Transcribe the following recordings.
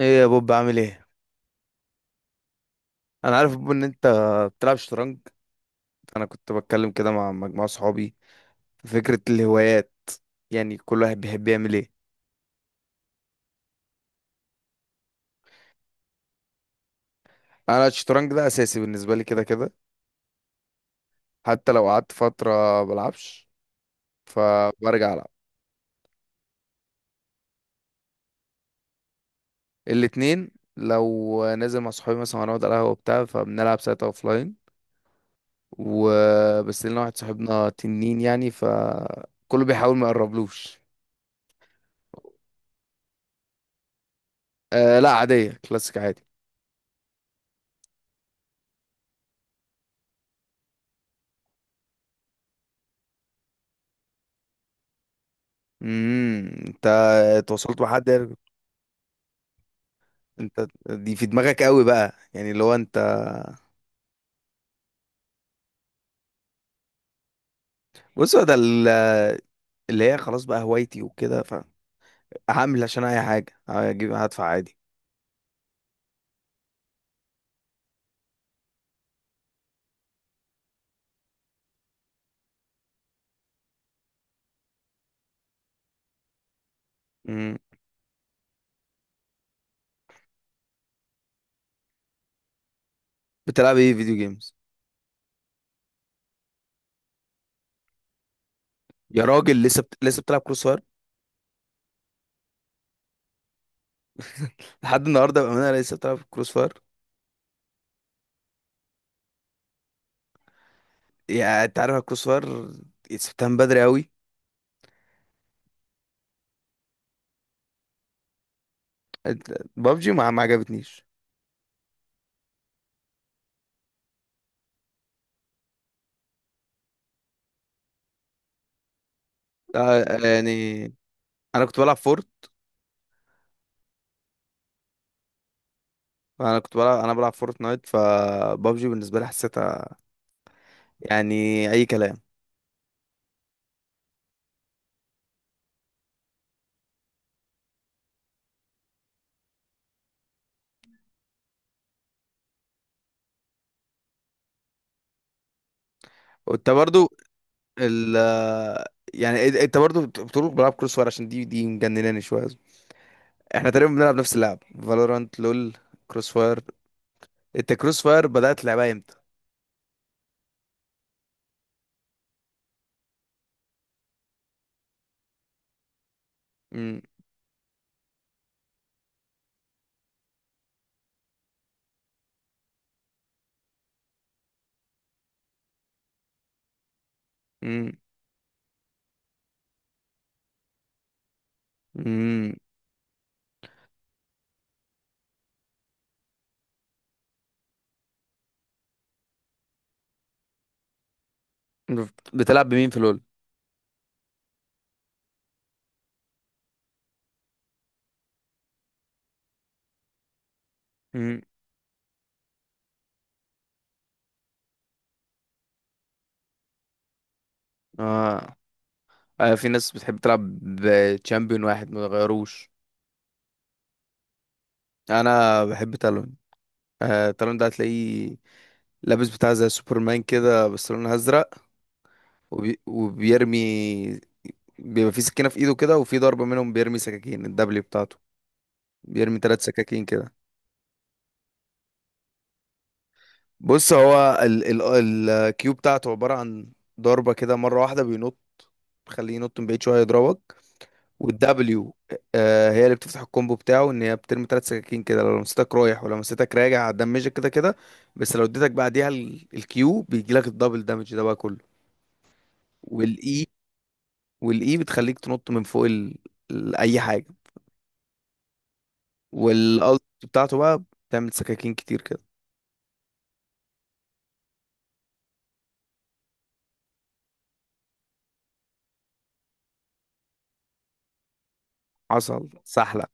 ايه يا بوب، بعمل ايه؟ انا عارف يا بوب ان انت بتلعب شطرنج. انا كنت بتكلم كده مع مجموعه صحابي في فكره الهوايات، يعني كل واحد بيحب يعمل ايه. انا الشطرنج ده اساسي بالنسبه لي كده كده. حتى لو قعدت فتره بلعبش فبرجع العب. الاتنين. لو نازل مع صحابي مثلا هنقعد على القهوه وبتاع فبنلعب ساعتها اوفلاين. وبس لنا واحد صاحبنا تنين يعني فكله بيحاول ما يقربلوش. أه، لا عاديه كلاسيك عادي. انت اتواصلت مع حد؟ انت دي في دماغك قوي بقى يعني اللي هو انت. بص هو ده اللي هي خلاص بقى هوايتي وكده. فهعمل عشان اي حاجه هجيب هدفع عادي. امم بتلعب ايه فيديو جيمز؟ يا راجل، لسه بتلعب كروس فاير؟ لحد النهارده بامانه لسه بتلعب كروس فاير؟ يا، انت عارف الكروس فاير سبتها من بدري قوي. بابجي ما عجبتنيش. آه، يعني انا كنت بلعب فورت انا كنت بلعب انا بلعب فورت نايت، فبابجي بالنسبه لي حسيتها يعني اي كلام. وانت برضو ال يعني انت برضو بتقول بلعب كروس فاير عشان دي مجنناني شويه. احنا تقريبا بنلعب نفس اللعب فالورانت لول، كروس فاير. انت كروس فاير بدأت لعبها امتى؟ امم. امم. امم. بتلعب بمين في لول؟ امم. آه. اه، في ناس بتحب تلعب بتشامبيون واحد ما غيروش. انا بحب تالون. تالون ده هتلاقيه لابس بتاع زي سوبرمان كده بس لونه ازرق. وبيرمي. بيبقى في سكينة في ايده كده، وفي ضربة منهم بيرمي سكاكين الدبلي بتاعته. بيرمي ثلاث سكاكين كده. بص هو ال الكيو بتاعته عبارة عن ضربة كده مرة واحدة بينط. خليه ينط من بعيد شوية يضربك. والدبليو. هي اللي بتفتح الكومبو بتاعه ان هي بترمي ثلاث سكاكين كده، لو لمستك رايح ولو لمستك راجع هتدمجك كده كده. بس لو اديتك بعديها الكيو بيجي لك الدبل دامج ده بقى كله. والاي. والاي بتخليك تنط من فوق اي حاجة. والالت بتاعته بقى بتعمل سكاكين كتير كده. حصل سحلة.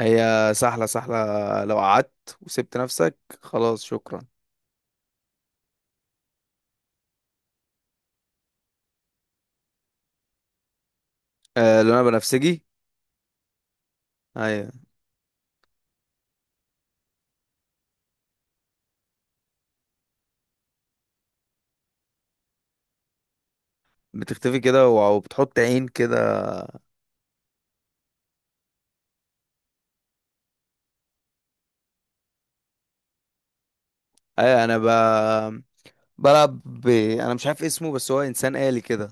هي، سحلة سحلة، لو قعدت وسبت نفسك خلاص شكرا. آه، لونها بنفسجي. ايوه، بتختفي كده وبتحط عين كده. ايوه، انا بلعب، انا مش عارف اسمه بس هو انسان آلي كده.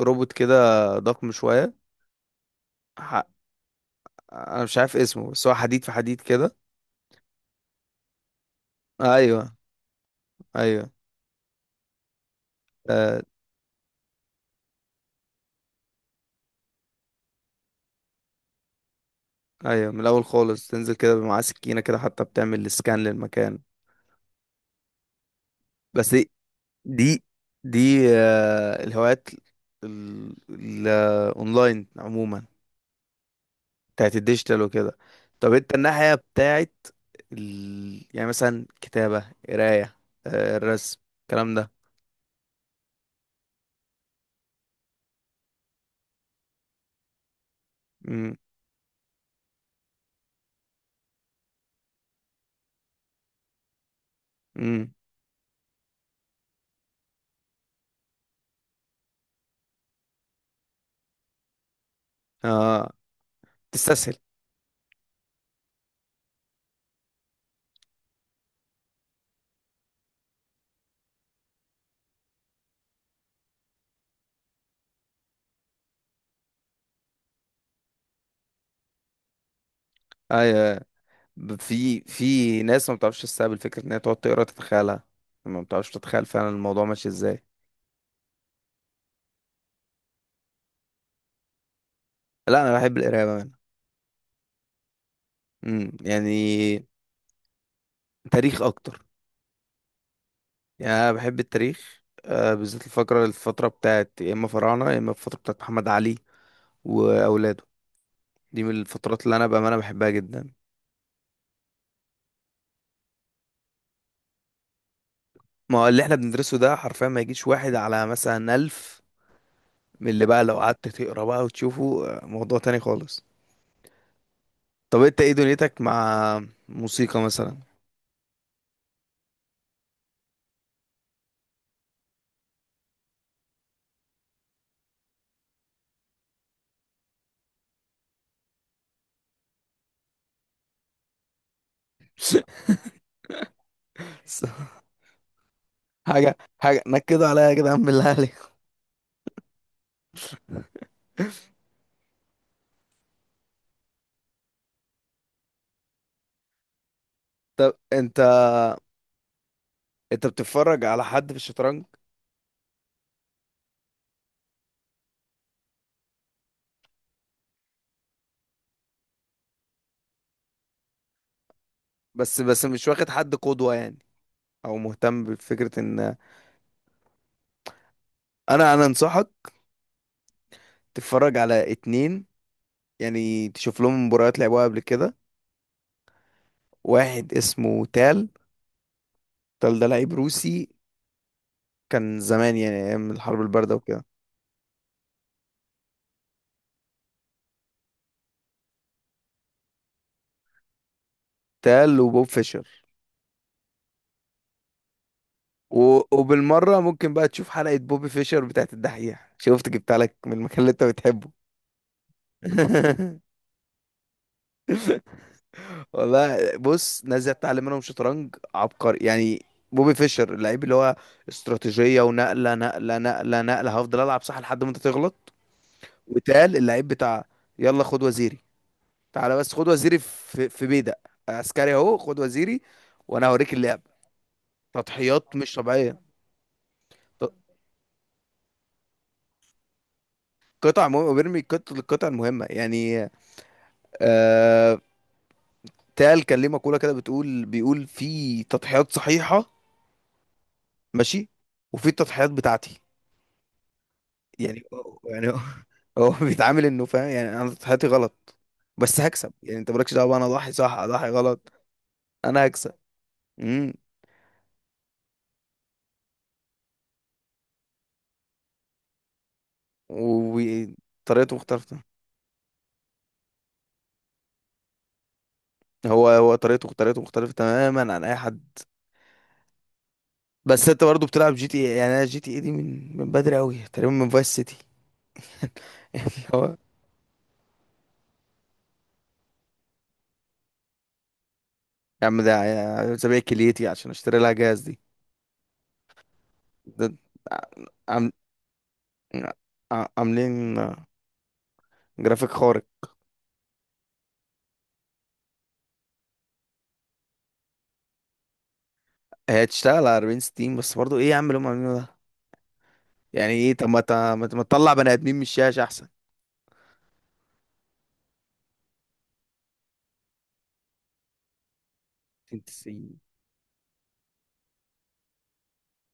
روبوت كده. ضخم شوية. ح... انا مش عارف اسمه بس هو حديد في حديد كده. ايوه، ايوه. آه، ايوه، من الاول خالص تنزل كده معاه سكينة كده حتى بتعمل سكان للمكان. بس دي دي الهوايات الاونلاين عموما، بتاعت الديجيتال وكده. طب انت الناحية بتاعت يعني مثلا كتابة قراية، الرسم الكلام ده؟ امم. امم. اه، تستسهل؟ ايوه، في ناس ما بتعرفش تستقبل فكرة ان هي تقعد تقرا تتخيلها. ما بتعرفش تتخيل فعلا الموضوع ماشي ازاي. لا، انا بحب القراية بقى. امم، يعني، تاريخ اكتر. يعني أنا بحب التاريخ، بالذات الفترة بتاعت يا إما فراعنة يا إما الفترة بتاعت محمد علي وأولاده. دي من الفترات اللي أنا بأمانة بحبها جدا. ما هو اللي إحنا بندرسه ده حرفيا ما يجيش واحد على مثلا ألف. من اللي بقى لو قعدت تقرا بقى وتشوفه موضوع تاني خالص. طب أنت إيه دنيتك مع موسيقى مثلا؟ حاجة حاجة نكدوا عليا يا جدعان بالله عليك. طب أنت بتتفرج على حد في الشطرنج؟ بس بس مش واخد حد قدوة يعني؟ أو مهتم بفكرة إن؟ انا انصحك تتفرج على اتنين، يعني تشوف لهم مباريات لعبوها قبل كده. واحد اسمه تال. تال ده لعيب روسي، كان زمان يعني ايام الحرب البارده وكده. تال وبوب فيشر. وبالمره ممكن بقى تشوف حلقه بوبي فيشر بتاعت الدحيح، شفت جبتها لك من المكان اللي انت بتحبه. والله بص، ناس زي اتعلم منهم شطرنج عبقري يعني. بوبي فيشر اللعيب اللي هو استراتيجيه ونقله نقله نقله نقله هفضل العب صح لحد ما انت تغلط. وتقال اللعيب بتاع، يلا خد وزيري، تعالى بس خد وزيري في بيدق، عسكري اهو خد وزيري، وانا هوريك اللعب. تضحيات مش طبيعيه. ط- قطع مهمه وبيرمي القطع المهمه يعني. آه تقال كان ليه مقوله كده بيقول في تضحيات صحيحه، ماشي، وفي التضحيات بتاعتي. يعني يعني هو هو بيتعامل انه فاهم يعني انا تضحياتي غلط بس هكسب، يعني انت مالكش دعوه بقى انا اضحي صح اضحي غلط، انا هكسب. امم. وطريقته مختلفه. هو طريقته طريقته مختلفة تماما عن أي حد. بس أنت برضه بتلعب جي تي إيه، يعني أنا جي تي إيه دي من بدري أوي تقريبا من فايس سيتي. يعني، هو، يا عم ده سابق كليتي عشان أشتري لها جهاز دي. ده عم، عاملين جرافيك خارق. هي تشتغل على 40 60 بس برضه إيه يا عم اللي هم عاملينه ده. يعني إيه؟ طب ما تطلع بني آدمين من الشاشة أحسن. 50 90.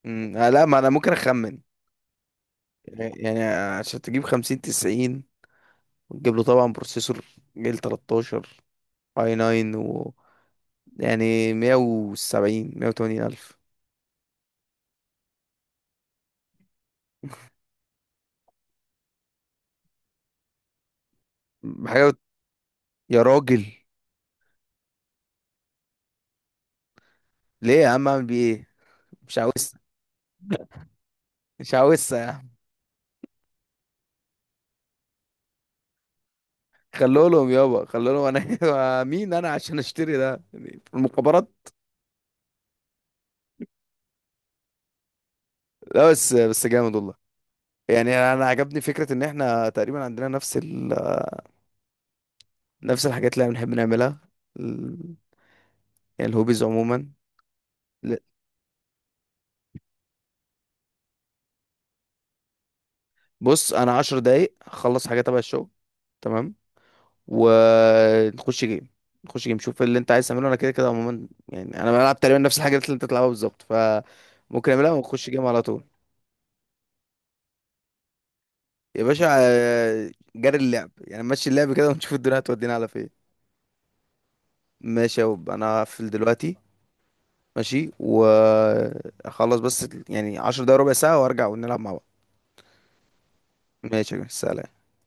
لا ما أنا ممكن أخمن. يعني عشان تجيب 50 90 وتجيب له طبعا بروسيسور جيل 13 اي 9 و يعني 170 180 الف حاجه. يا راجل، ليه يا عم اعمل بيه ايه؟ مش عاوز. مش عاوزها يا عم. خلوا لهم يابا، خلوا لهم. انا مين انا عشان اشتري ده؟ يعني في المخابرات؟ لا بس بس جامد والله. يعني انا عجبني فكره ان احنا تقريبا عندنا نفس نفس الحاجات اللي احنا بنحب نعملها، ال... يعني الهوبيز عموما. ل- بص انا 10 دقايق هخلص حاجه تبع الشغل، تمام، ونخش جيم. نخش جيم شوف اللي انت عايز تعمله، انا كده كده عموما يعني انا بلعب تقريبا نفس الحاجات اللي انت بتلعبها بالظبط فممكن اعملها ونخش جيم على طول. يا باشا، جري اللعب يعني مشي اللعب كده ونشوف الدنيا هتودينا على فين. ماشي يا وب، انا هقفل دلوقتي. ماشي، واخلص بس يعني 10 دقايق ربع ساعة وارجع ونلعب مع بعض. ماشي يا جماعة، سلام.